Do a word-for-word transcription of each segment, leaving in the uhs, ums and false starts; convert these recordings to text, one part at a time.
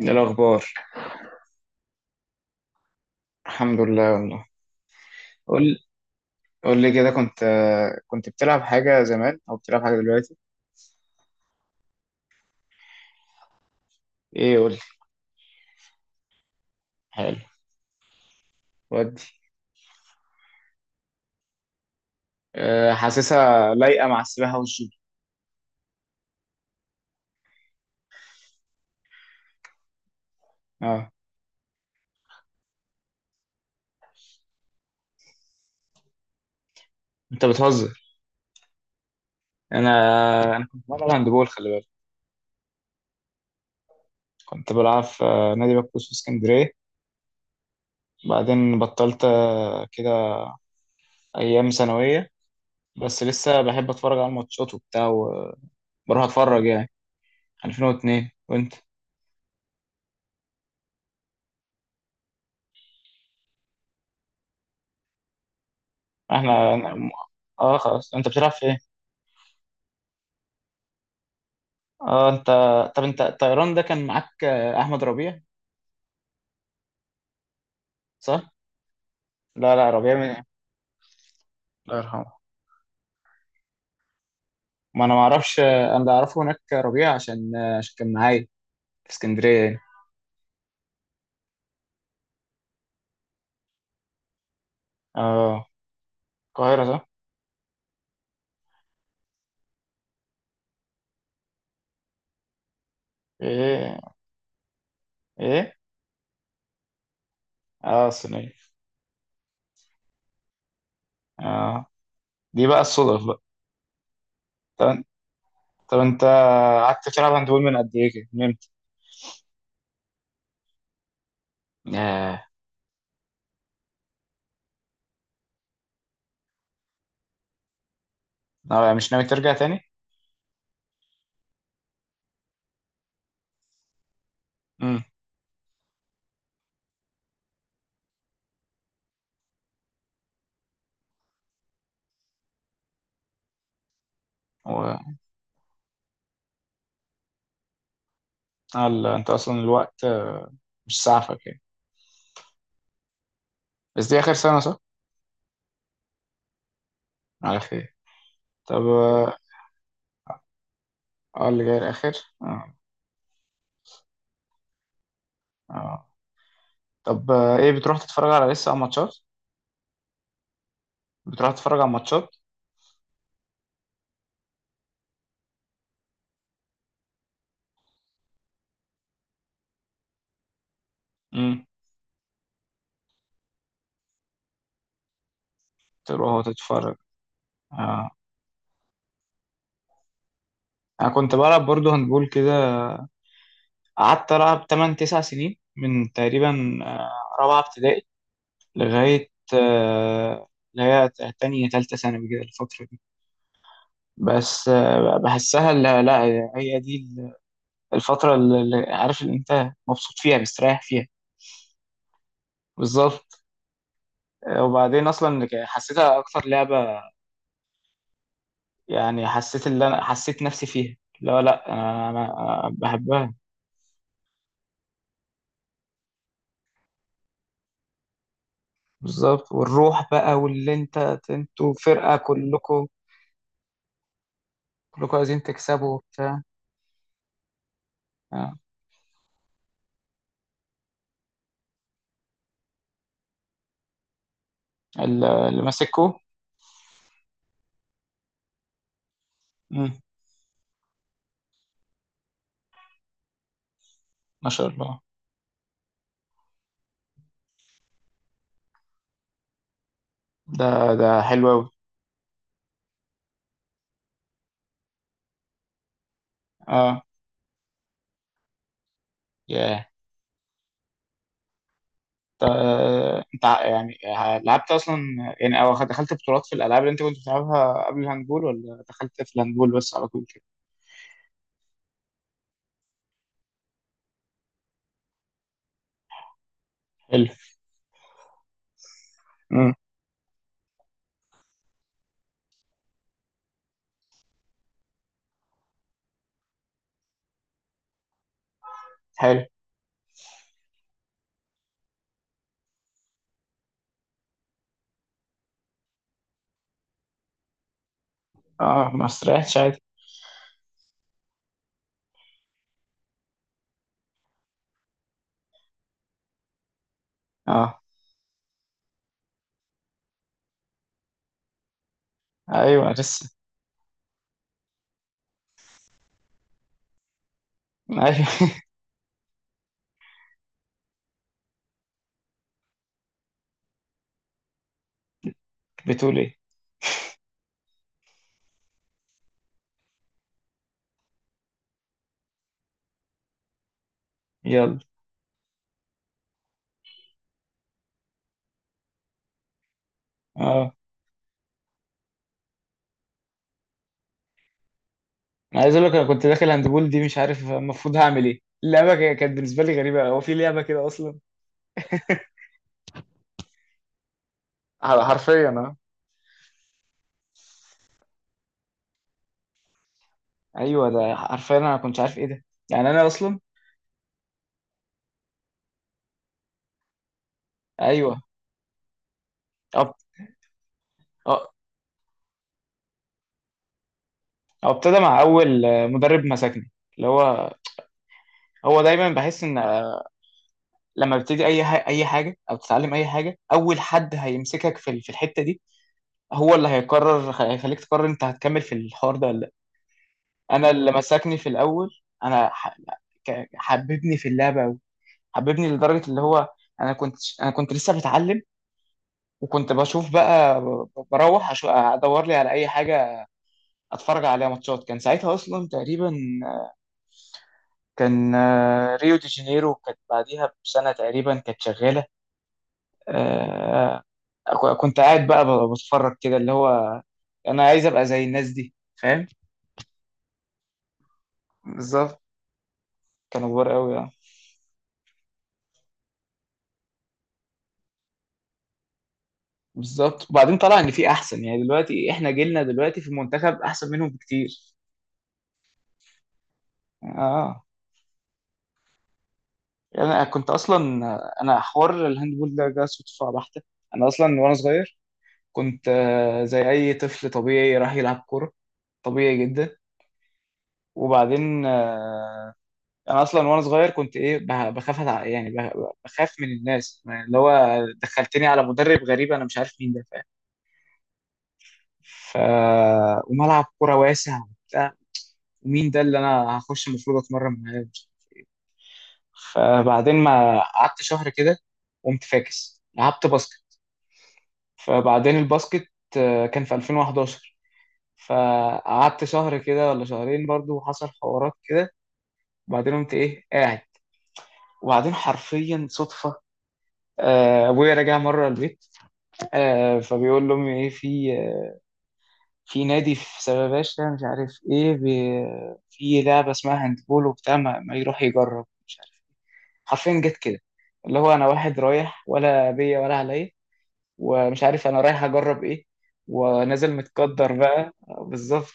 إيه الأخبار؟ الحمد لله والله. قول، قول لي كده. كنت، كنت بتلعب حاجة زمان أو بتلعب حاجة دلوقتي؟ إيه قول لي. حلو. ودي. أه حاسسها لايقة مع السباحة والجيم. أه. أنت بتهزر. أنا أنا كنت بلعب هاندبول، خلي بالك. كنت بلعب في آه، نادي بكوس في اسكندرية. بعدين بطلت آه، كده، أيام ثانوية. بس لسه بحب أتفرج على الماتشات وبتاع وبروح أتفرج يعني. ألفين واتنين، وأنت؟ إحنا أنا- أه خلاص، أنت بتلعب في إيه؟ اه انت، طب انت الطيران ده كان معاك آه، احمد ربيع. صح. لا لا، ربيع من. الله يرحمه. ما انا ما اعرفش، آه، انا اللي اعرفه هناك ربيع عشان آه، عشان كان معايا في اسكندريه يعني. اه القاهره صح. ايه، ايه. اه صينيه. اه، دي بقى الصدف بقى. طب، طب انت قعدت تلعب هاندبول من قد ايه كده، من امتى؟ آه. آه، مش ناوي ترجع تاني؟ امم. و... آه لا، انت اصلا الوقت آه، مش سعفك يعني. بس دي اخر سنه صح؟ على خير. طب آه، اه، اللي جاي الاخر. اه. اه. طب آه، ايه، بتروح تتفرج على، لسه على ماتشات؟ بتروح تتفرج على ماتشات. امم. تروح تتفرج. اه. انا كنت بلعب برضه هندبول كده، قعدت العب تمن تسعة سنين من تقريبا آه، رابعه ابتدائي لغايه آه، اللي هي تانية تالتة ثانوي، كده الفترة دي. بس آه، بحسها، لا لا هي دي الفترة اللي اللي عارف، اللي انت مبسوط فيها مستريح فيها. بالظبط. آه، وبعدين اصلا حسيتها اكتر لعبة، يعني حسيت اللي انا حسيت نفسي فيها. لا لا انا أنا بحبها. بالظبط، والروح بقى واللي انت. انتوا فرقة كلكم، كلكم عايزين تكسبوا وبتاع. آه. ال- اللي ماسكه. مم. ما شاء الله. ده، ده حلو قوي. اه. ياه. طب، آه، انت ع- يعني لعبت اصلا، يعني او خد- دخلت بطولات في الالعاب اللي انت كنت بتلعبها قبل الهاندبول، ولا دخلت في الهاندبول بس على طول كده؟ حلو. مم. حلو. اه، ما استريحتش عادي. اه. ايوه لسه. ايوه. بتقول ايه؟ يلا. اه، انا عايز اقول لك، انا كنت داخل هاندبول دي مش عارف المفروض هعمل ايه، اللعبه ك- كانت بالنسبه لي غريبه، هو في لعبه كده اصلا؟ ح- حرفيا اه. ايوه ده حرفيا، انا ما كنتش عارف ايه ده، يعني انا اصلا. ايوه. أب... أ- هو ابتدى مع اول آه، مدرب مسكني، اللي هو، هو دايما بحس ان آه، لما بتبتدي اي ح... اي حاجه او تتعلم اي حاجه، اول حد هيمسكك في ال- في الحته دي هو اللي هيقرر، هيخليك تقرر انت هتكمل في الحوار ده ولا. انا اللي مسكني في الاول انا ح- ك- حببني في اللعبه قوي، حببني لدرجه اللي هو، انا كنت انا كنت لسه بتعلم، وكنت بشوف بقى ب- بروح أشو- ادور لي على اي حاجه اتفرج عليها، ماتشات كان ساعتها اصلا تقريبا، كان آه، ريو دي جانيرو كانت بعديها بسنه تقريبا كانت شغاله. آه، ك- كنت قاعد بقى ب- بتفرج كده اللي هو انا عايز ابقى زي الناس دي، فاهم؟ بالظبط. كانوا كبار قوي. بالظبط، وبعدين طلع ان في احسن، يعني دلوقتي احنا جيلنا دلوقتي في المنتخب احسن منهم بكتير. اه، يعني انا كنت اصلا، انا حوار الهاندبول ده جه صدفه بحته. انا اصلا وانا صغير كنت آه، زي اي طفل طبيعي راح يلعب كوره، طبيعي جدا. وبعدين آه، انا اصلا وانا صغير كنت ايه، بخ- بخاف أتع- يعني بخ- بخاف من الناس يعني، اللي هو دخلتني على مدرب غريب انا مش عارف مين ده، فاهم؟ ف وملعب كوره واسع، ومين ده اللي انا هخش المفروض اتمرن معاه. فبعدين ما قعدت شهر كده، قمت فاكس لعبت باسكت. فبعدين الباسكت آه، كان في ألفين وحداشر، فقعدت شهر كده ولا شهرين برضو، وحصل حوارات كده. وبعدين قمت ايه قاعد. وبعدين حرفيا صدفة، آه، ابويا راجع مره البيت، آه، فبيقول لامي ايه، في آه، في نادي في سباباشا مش عارف ايه بي- في لعبه اسمها هاندبول وبتاع، ما ما يروح يجرب مش عارف. حرفيا جت كده، اللي هو انا واحد رايح ولا بيا ولا عليا، ومش عارف انا رايح اجرب ايه، ونازل متقدر بقى بالظبط.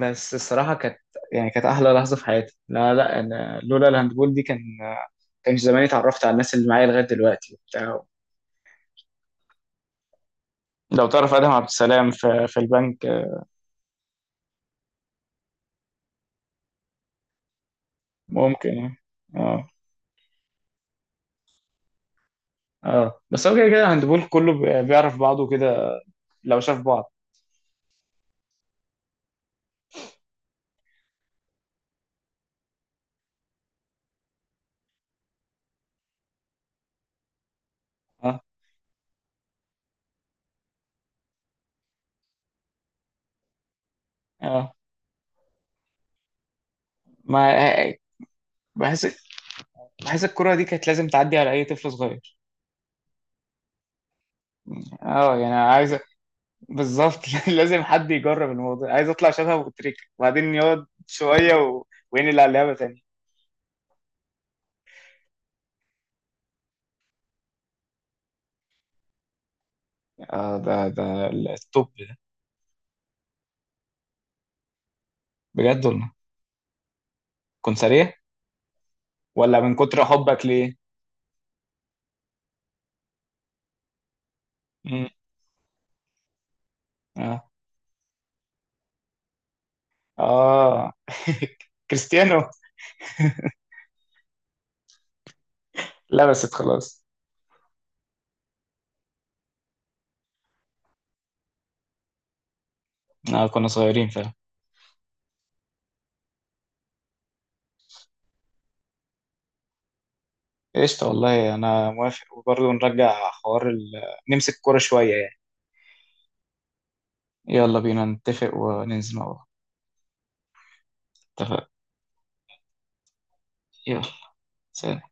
بس الصراحه كانت، يعني كانت احلى لحظه في حياتي. لا لا انا لولا الهاندبول دي كان، كانش زماني اتعرفت على الناس اللي معايا لغايه دلوقتي وبتاع. لو تعرف ادهم عبد السلام في، في البنك. ممكن يعني. اه. اه. بس هو كده كده الهاندبول كله بي- بيعرف بعضه كده لو شاف بعض. اه. اه. ما بحس بحس الكرة دي كانت لازم تعدي على اي طفل صغير. اه، يعني عايز، بالظبط. لازم حد يجرب الموضوع، عايز اطلع شبه ابو تريكة وبعدين يقعد شويه و... وينقل على اللعبه تاني. اه، ده ده التوب ده. بجد والله؟ كنت سريع ولا من كتر حبك ليه؟ مم. اه. اه. كريستيانو. لبست خلاص. آه كنا صغيرين فعلا. قشطة والله، أنا موافق. وبرضه نرجع حوار ال... نمسك كورة شوية يعني. يلا بينا نتفق وننزل مع بعض. اتفق. يلا، سلام.